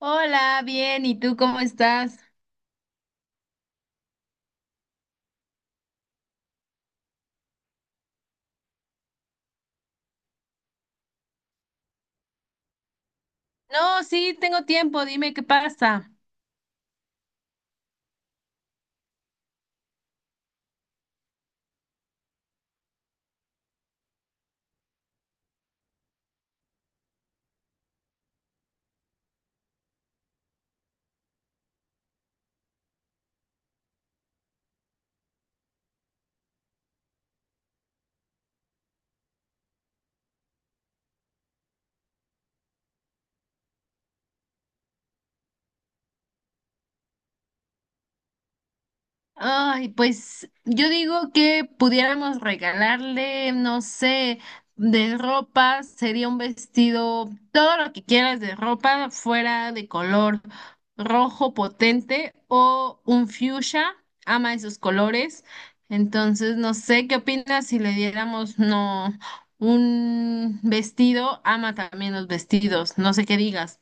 Hola, bien, ¿y tú cómo estás? No, sí, tengo tiempo, dime qué pasa. Ay, pues yo digo que pudiéramos regalarle, no sé, de ropa, sería un vestido, todo lo que quieras de ropa fuera de color rojo potente o un fuchsia, ama esos colores. Entonces, no sé, ¿qué opinas si le diéramos, no, un vestido? Ama también los vestidos, no sé qué digas.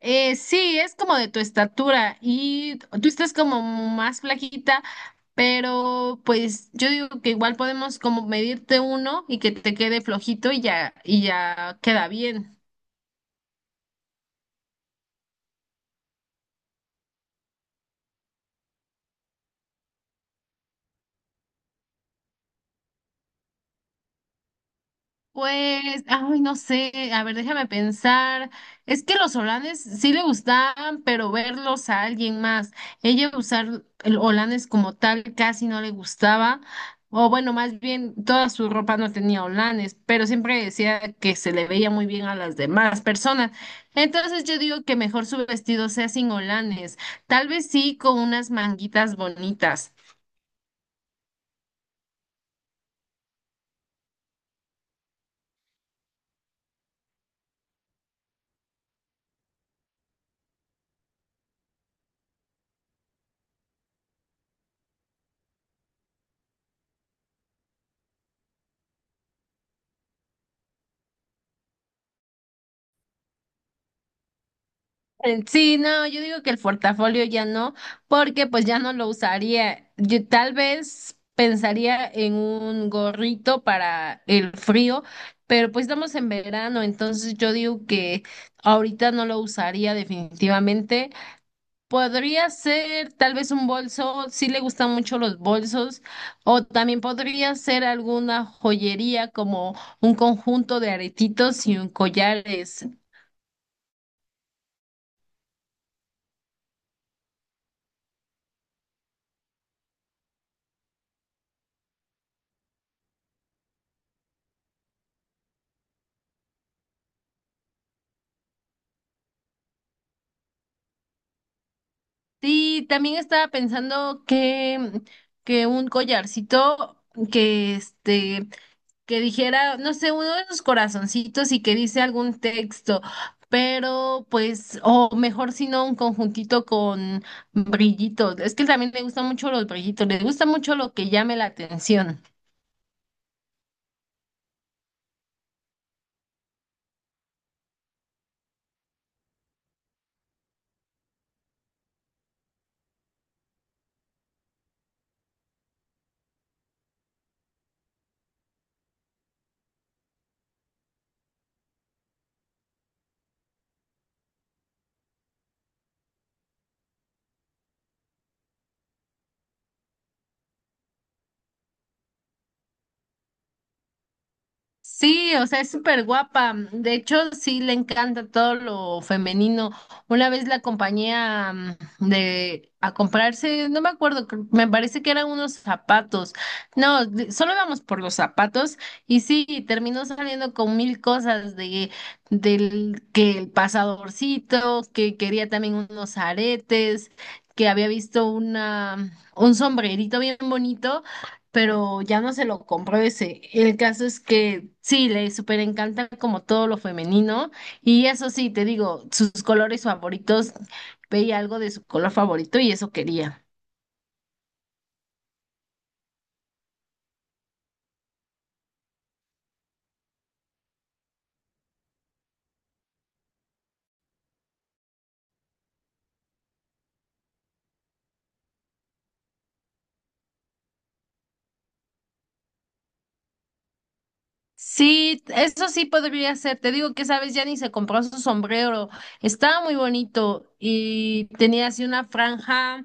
Sí, es como de tu estatura y tú estás como más flaquita, pero pues yo digo que igual podemos como medirte uno y que te quede flojito y ya queda bien. Pues, ay, no sé, a ver, déjame pensar. Es que los holanes sí le gustaban, pero verlos a alguien más. Ella usar el holanes como tal casi no le gustaba. O bueno, más bien toda su ropa no tenía holanes, pero siempre decía que se le veía muy bien a las demás personas. Entonces yo digo que mejor su vestido sea sin holanes, tal vez sí con unas manguitas bonitas. Sí, no, yo digo que el portafolio ya no, porque pues ya no lo usaría. Yo tal vez pensaría en un gorrito para el frío, pero pues estamos en verano, entonces yo digo que ahorita no lo usaría definitivamente. Podría ser tal vez un bolso, sí le gustan mucho los bolsos, o también podría ser alguna joyería como un conjunto de aretitos y un collares. Sí, también estaba pensando que un collarcito que este, que dijera, no sé, uno de esos corazoncitos y que dice algún texto, pero pues, o mejor si no, un conjuntito con brillitos. Es que también le gustan mucho los brillitos, le gusta mucho lo que llame la atención. Sí, o sea, es súper guapa. De hecho, sí le encanta todo lo femenino. Una vez la acompañé a, de, a comprarse, no me acuerdo, me parece que eran unos zapatos. No, solo íbamos por los zapatos y sí, terminó saliendo con mil cosas de, del que el pasadorcito, que quería también unos aretes, que había visto una, un sombrerito bien bonito pero ya no se lo compró ese. El caso es que sí, le súper encanta como todo lo femenino y eso sí, te digo, sus colores favoritos, veía algo de su color favorito y eso quería. Sí, eso sí podría ser. Te digo que, sabes, ni se compró su sombrero. Estaba muy bonito y tenía así una franja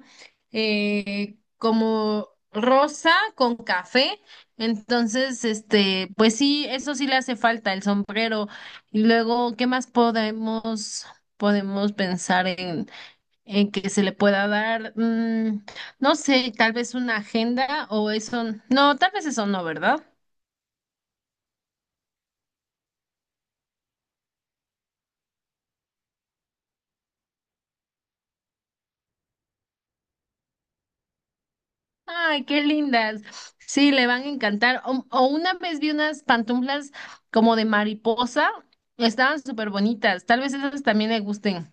como rosa con café. Entonces, este, pues sí, eso sí le hace falta el sombrero. Y luego, ¿qué más podemos pensar en que se le pueda dar? No sé, tal vez una agenda o eso. No, tal vez eso no, ¿verdad? Ay, qué lindas. Sí, le van a encantar. O una vez vi unas pantuflas como de mariposa. Estaban súper bonitas. Tal vez esas también le gusten.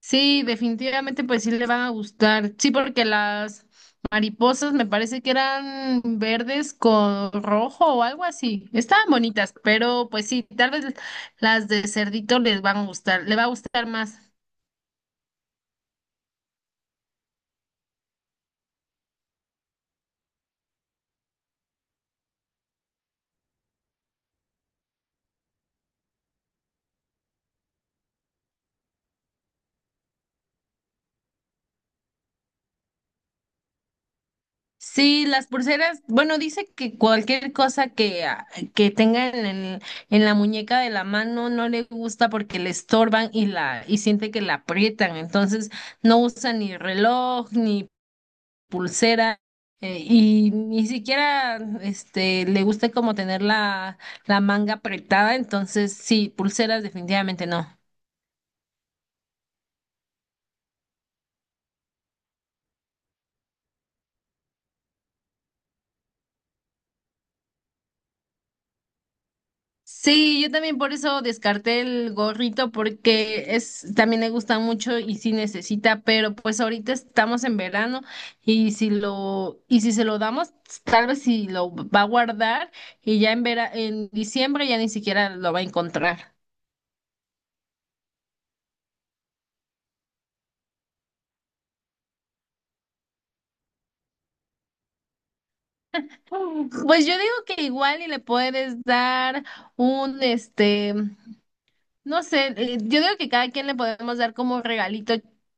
Sí, definitivamente pues sí le van a gustar. Sí, porque las mariposas me parece que eran verdes con rojo o algo así. Estaban bonitas, pero pues sí, tal vez las de cerdito les van a gustar. Le va a gustar más. Sí, las pulseras, bueno, dice que cualquier cosa que, ah, que tenga en la muñeca de la mano no le gusta porque le estorban y la, y siente que la aprietan, entonces no usa ni reloj, ni pulsera, y ni siquiera este le gusta como tener la manga apretada, entonces sí, pulseras definitivamente no. Sí, yo también por eso descarté el gorrito porque es también le gusta mucho y sí necesita, pero pues ahorita estamos en verano y si lo y si se lo damos, tal vez si lo va a guardar y ya en en diciembre ya ni siquiera lo va a encontrar. Pues yo digo que igual y le puedes dar un este, no sé, yo digo que cada quien le podemos dar como un regalito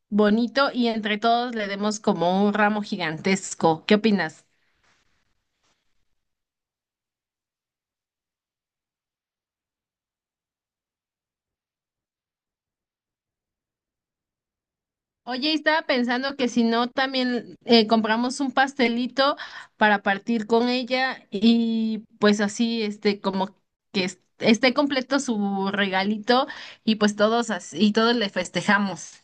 bonito y entre todos le demos como un ramo gigantesco. ¿Qué opinas? Oye, y estaba pensando que si no, también compramos un pastelito para partir con ella y pues así, este, como que esté completo su regalito y pues todos así, y todos le festejamos.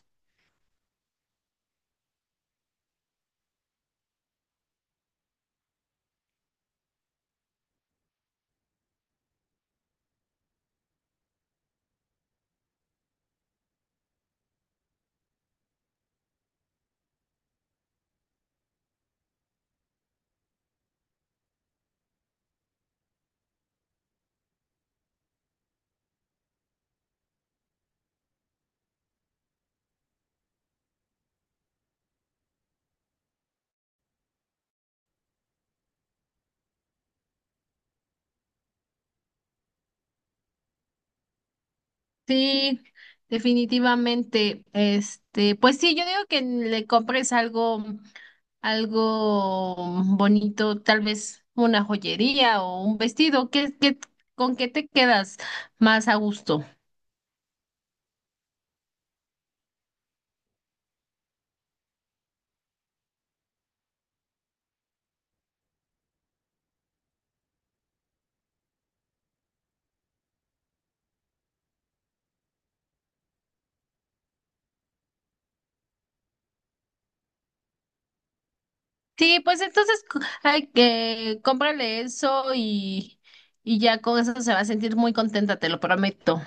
Sí, definitivamente. Este, pues sí, yo digo que le compres algo, algo bonito, tal vez una joyería o un vestido. ¿ con qué te quedas más a gusto? Sí, pues entonces hay que cómprale eso y ya con eso se va a sentir muy contenta, te lo prometo.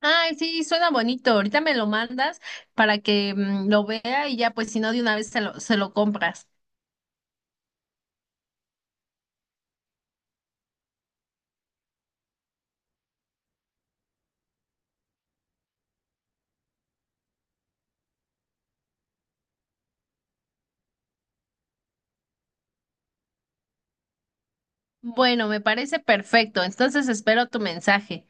Ay, sí, suena bonito. Ahorita me lo mandas para que lo vea y ya, pues si no, de una vez se lo compras. Bueno, me parece perfecto. Entonces espero tu mensaje.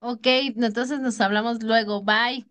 Ok, entonces nos hablamos luego. Bye.